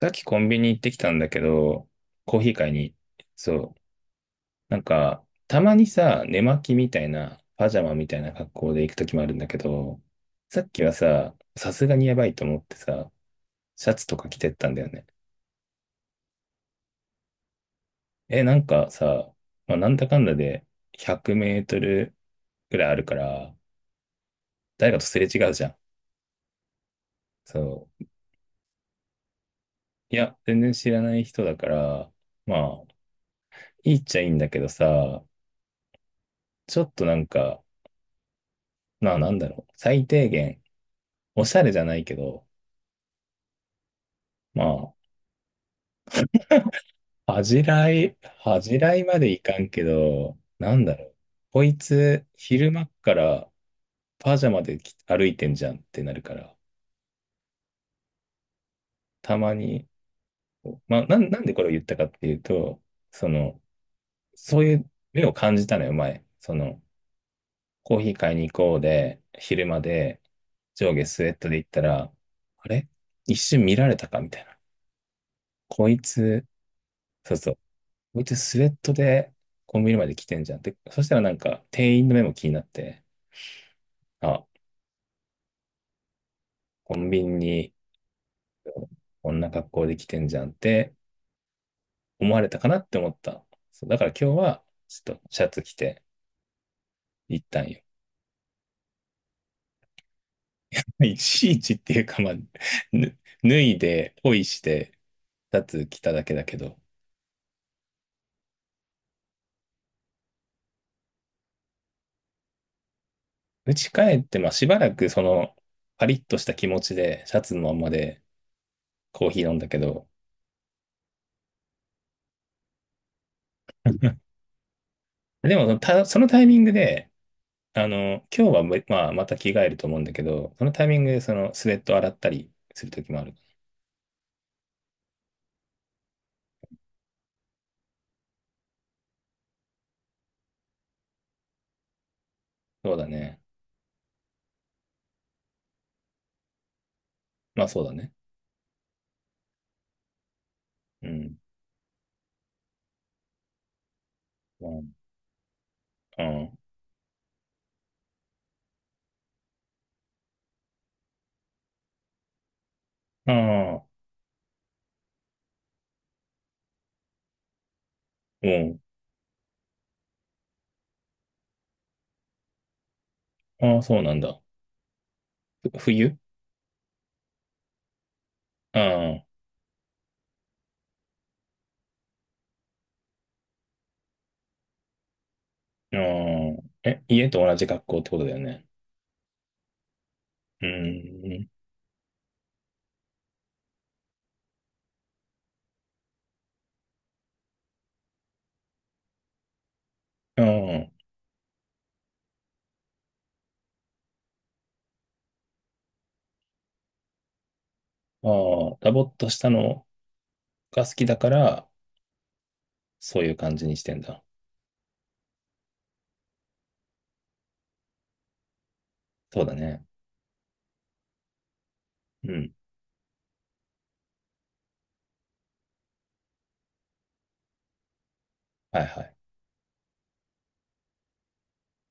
さっきコンビニ行ってきたんだけど、コーヒー買いに。そう。たまにさ、寝巻きみたいな、パジャマみたいな格好で行くときもあるんだけど、さっきはさ、さすがにやばいと思ってさ、シャツとか着てったんだよね。え、なんかさ、まあ、なんだかんだで100メートルぐらいあるから、誰かとすれ違うじゃん。そう。いや、全然知らない人だから、まあ、いいっちゃいいんだけどさ、ちょっとなんか、まあなんだろう、最低限、おしゃれじゃないけど、まあ、恥じらいまでいかんけど、なんだろう。こいつ、昼間っからパジャマでき歩いてんじゃんってなるから、たまに、まあ、なんでこれを言ったかっていうと、その、そういう目を感じたのよ、前。その、コーヒー買いに行こうで、昼間で、上下スウェットで行ったら、あれ一瞬見られたかみたいな。こいつ、そうそう。こいつスウェットでコンビニまで来てんじゃんって。そしたらなんか店員の目も気になって、あ、コンビニにこんな格好で来てんじゃんって思われたかなって思った。そう、だから今日はちょっとシャツ着て行ったんよ。いちいちっていうか、まあ、ぬ脱いで、ポイして、シャツ着ただけだけど、家帰って、まあしばらくそのパリッとした気持ちでシャツのままでコーヒー飲んだけど、でもそのたそのタイミングで、あの、今日はもうまあ、また着替えると思うんだけど、そのタイミングでそのスウェット洗ったりするときもある。そうだね。まあそうだね。うん。ああ、ああ、うん。ああ、そうなんだ。ふ冬ああ、ああ、え、家と同じ格好ってことだよね。うん。ああ、ああ、ダボっとしたのが好きだから、そういう感じにしてんだ。そうだね。うん。はいはい。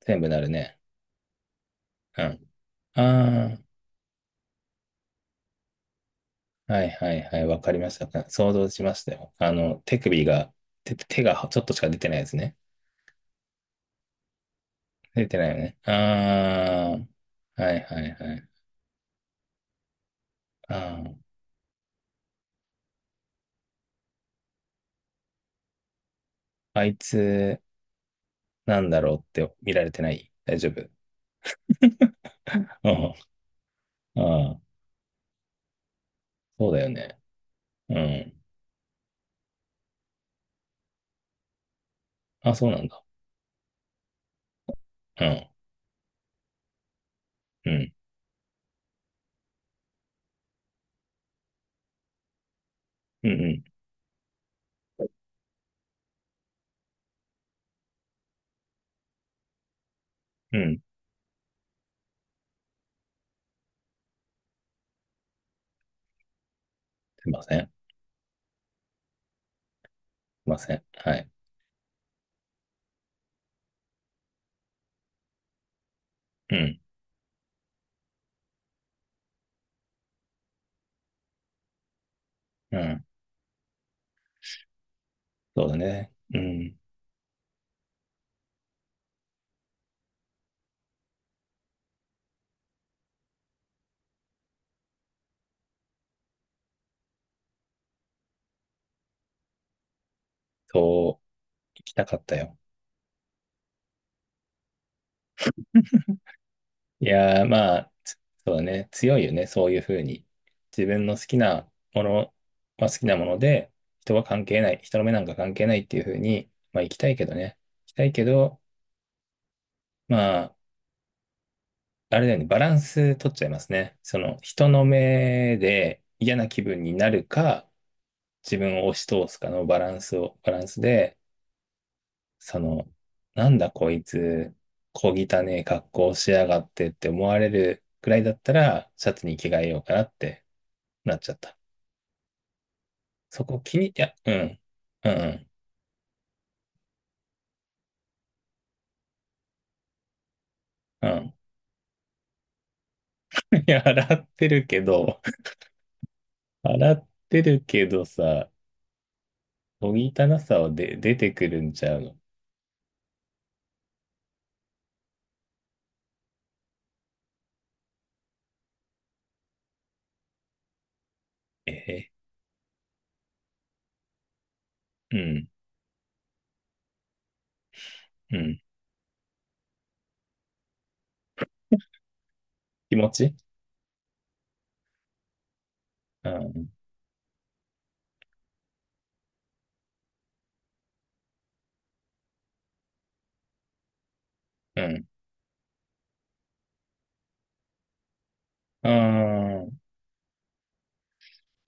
全部なるね。うん。ああ、はいはいはい、わかりました。想像しましたよ。あの、手首が、手がちょっとしか出てないですね。出てないよね。ああはいはいはい。あー、あいつ、なんだろうって見られてない大丈夫。うん、あー、そうだよね。うん。あ、そうなんだ。うん、うん、うん、うん、うん。すいません。すいません。はい。うん、うん。そうだね。うん。そう、行きたかったよ。いやー、まあ、つそうだね。強いよね。そういうふうに。自分の好きなものは好きなもので、人は関係ない。人の目なんか関係ないっていうふうに、まあ、行きたいけどね。行きたいけど、まあ、あれだよね。バランス取っちゃいますね。その、人の目で嫌な気分になるか、自分を押し通すかのバランスで、その、なんだこいつ、小汚ねえ格好しやがってって思われるくらいだったら、シャツに着替えようかなって。なっちゃった。そこ気に、いや、うん、うん、うん。うん いや、洗ってるけど、洗ってるけどさ、おぎたなさはで、出てくるんちゃうの。えー、うん、うん。気持ちうん、うん。ああ、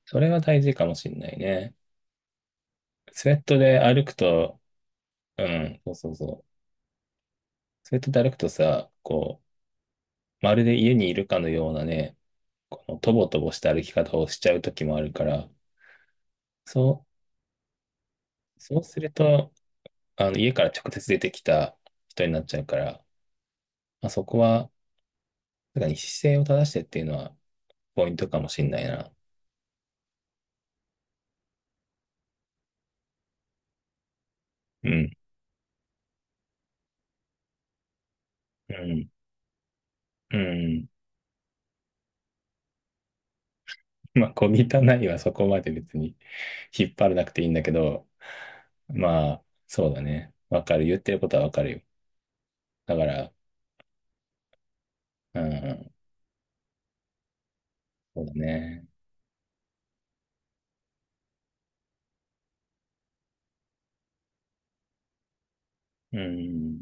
それは大事かもしんないね。スウェットで歩くと、うん、そうそうそう。スウェットで歩くとさ、こう、まるで家にいるかのようなね、このとぼとぼした歩き方をしちゃう時もあるから、そう、そうすると、あの、家から直接出てきた人になっちゃうから、まあ、そこは、なんかに姿勢を正してっていうのはポイントかもしんないな。うん、うん、うん。まあ、小汚いはそこまで別に 引っ張らなくていいんだけど、まあ、そうだね。わかる。言ってることはわかるよ。だから、うん、そうだね。うん、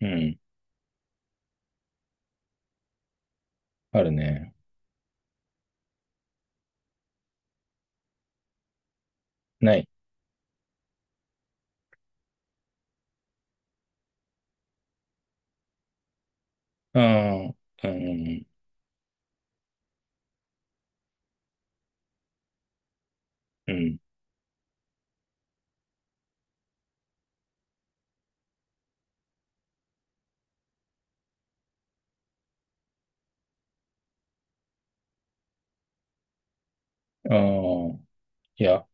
うん、あるね。ない。うん、うん、うん。ああ、いや、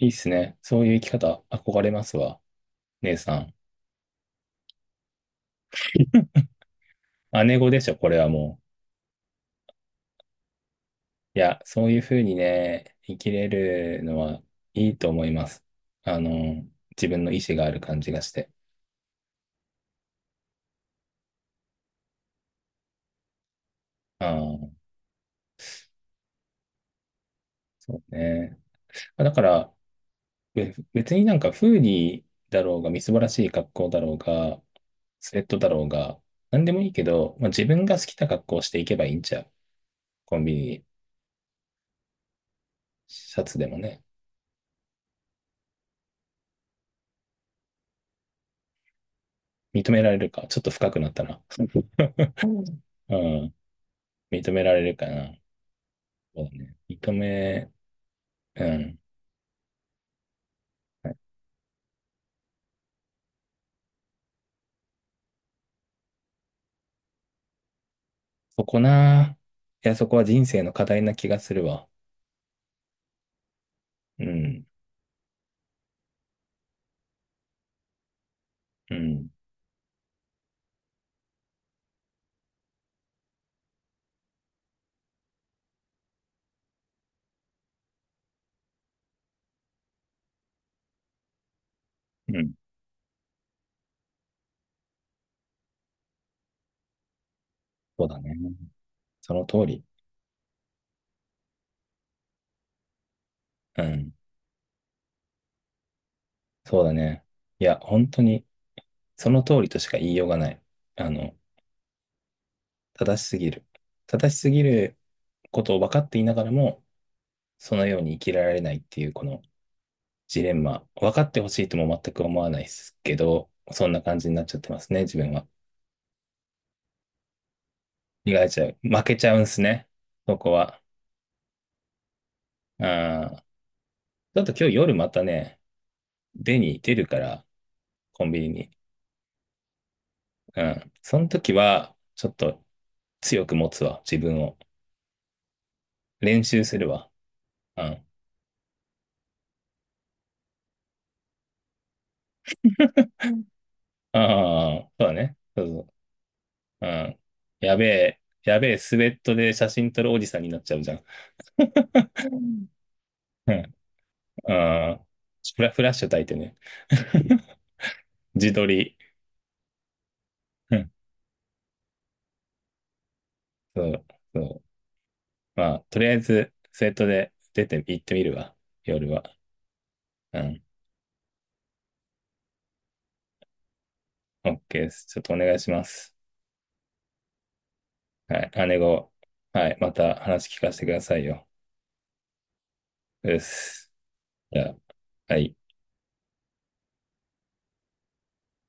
いいっすね。そういう生き方、憧れますわ。姉さん。姉御でしょ、これはもう。いや、そういうふうにね、生きれるのはいいと思います。あの、自分の意思がある感じがして。ああ、そうね。あだから、別になんかフーディーだろうが、みすぼらしい格好だろうが、スウェットだろうが、なんでもいいけど、まあ、自分が好きな格好をしていけばいいんちゃう。コンビニ、シャツでもね。認められるか。ちょっと深くなったな。うん。認められるかな。そうだね。認め、うん。そこな。いや、そこは人生の課題な気がするわ。うん、うん、うん。そうだね。その通り。うん、そうだね。いや、本当に、その通りとしか言いようがない。あの、正しすぎる。正しすぎることを分かっていながらも、そのように生きられないっていう、このジレンマ。分かってほしいとも全く思わないですけど、そんな感じになっちゃってますね、自分は。意外ちゃう。負けちゃうんすね。そこは。あーちょっと今日夜またね、出に出るから、コンビニに。うん。その時は、ちょっと強く持つわ、自分を。練習するわ。うん。ああ、そうだね。そうそう。うん。やべえ、やべえ、スウェットで写真撮るおじさんになっちゃうじゃん。うん。うんあーフラッシュ焚いてね。自撮り。うん。そう、そう。まあ、とりあえず、スウェットで出て行ってみるわ。夜は。うん。オッケーです。ちょっとお願いします。はい、姉御、はい、また話聞かせてくださいよ。です。じゃあ、はい。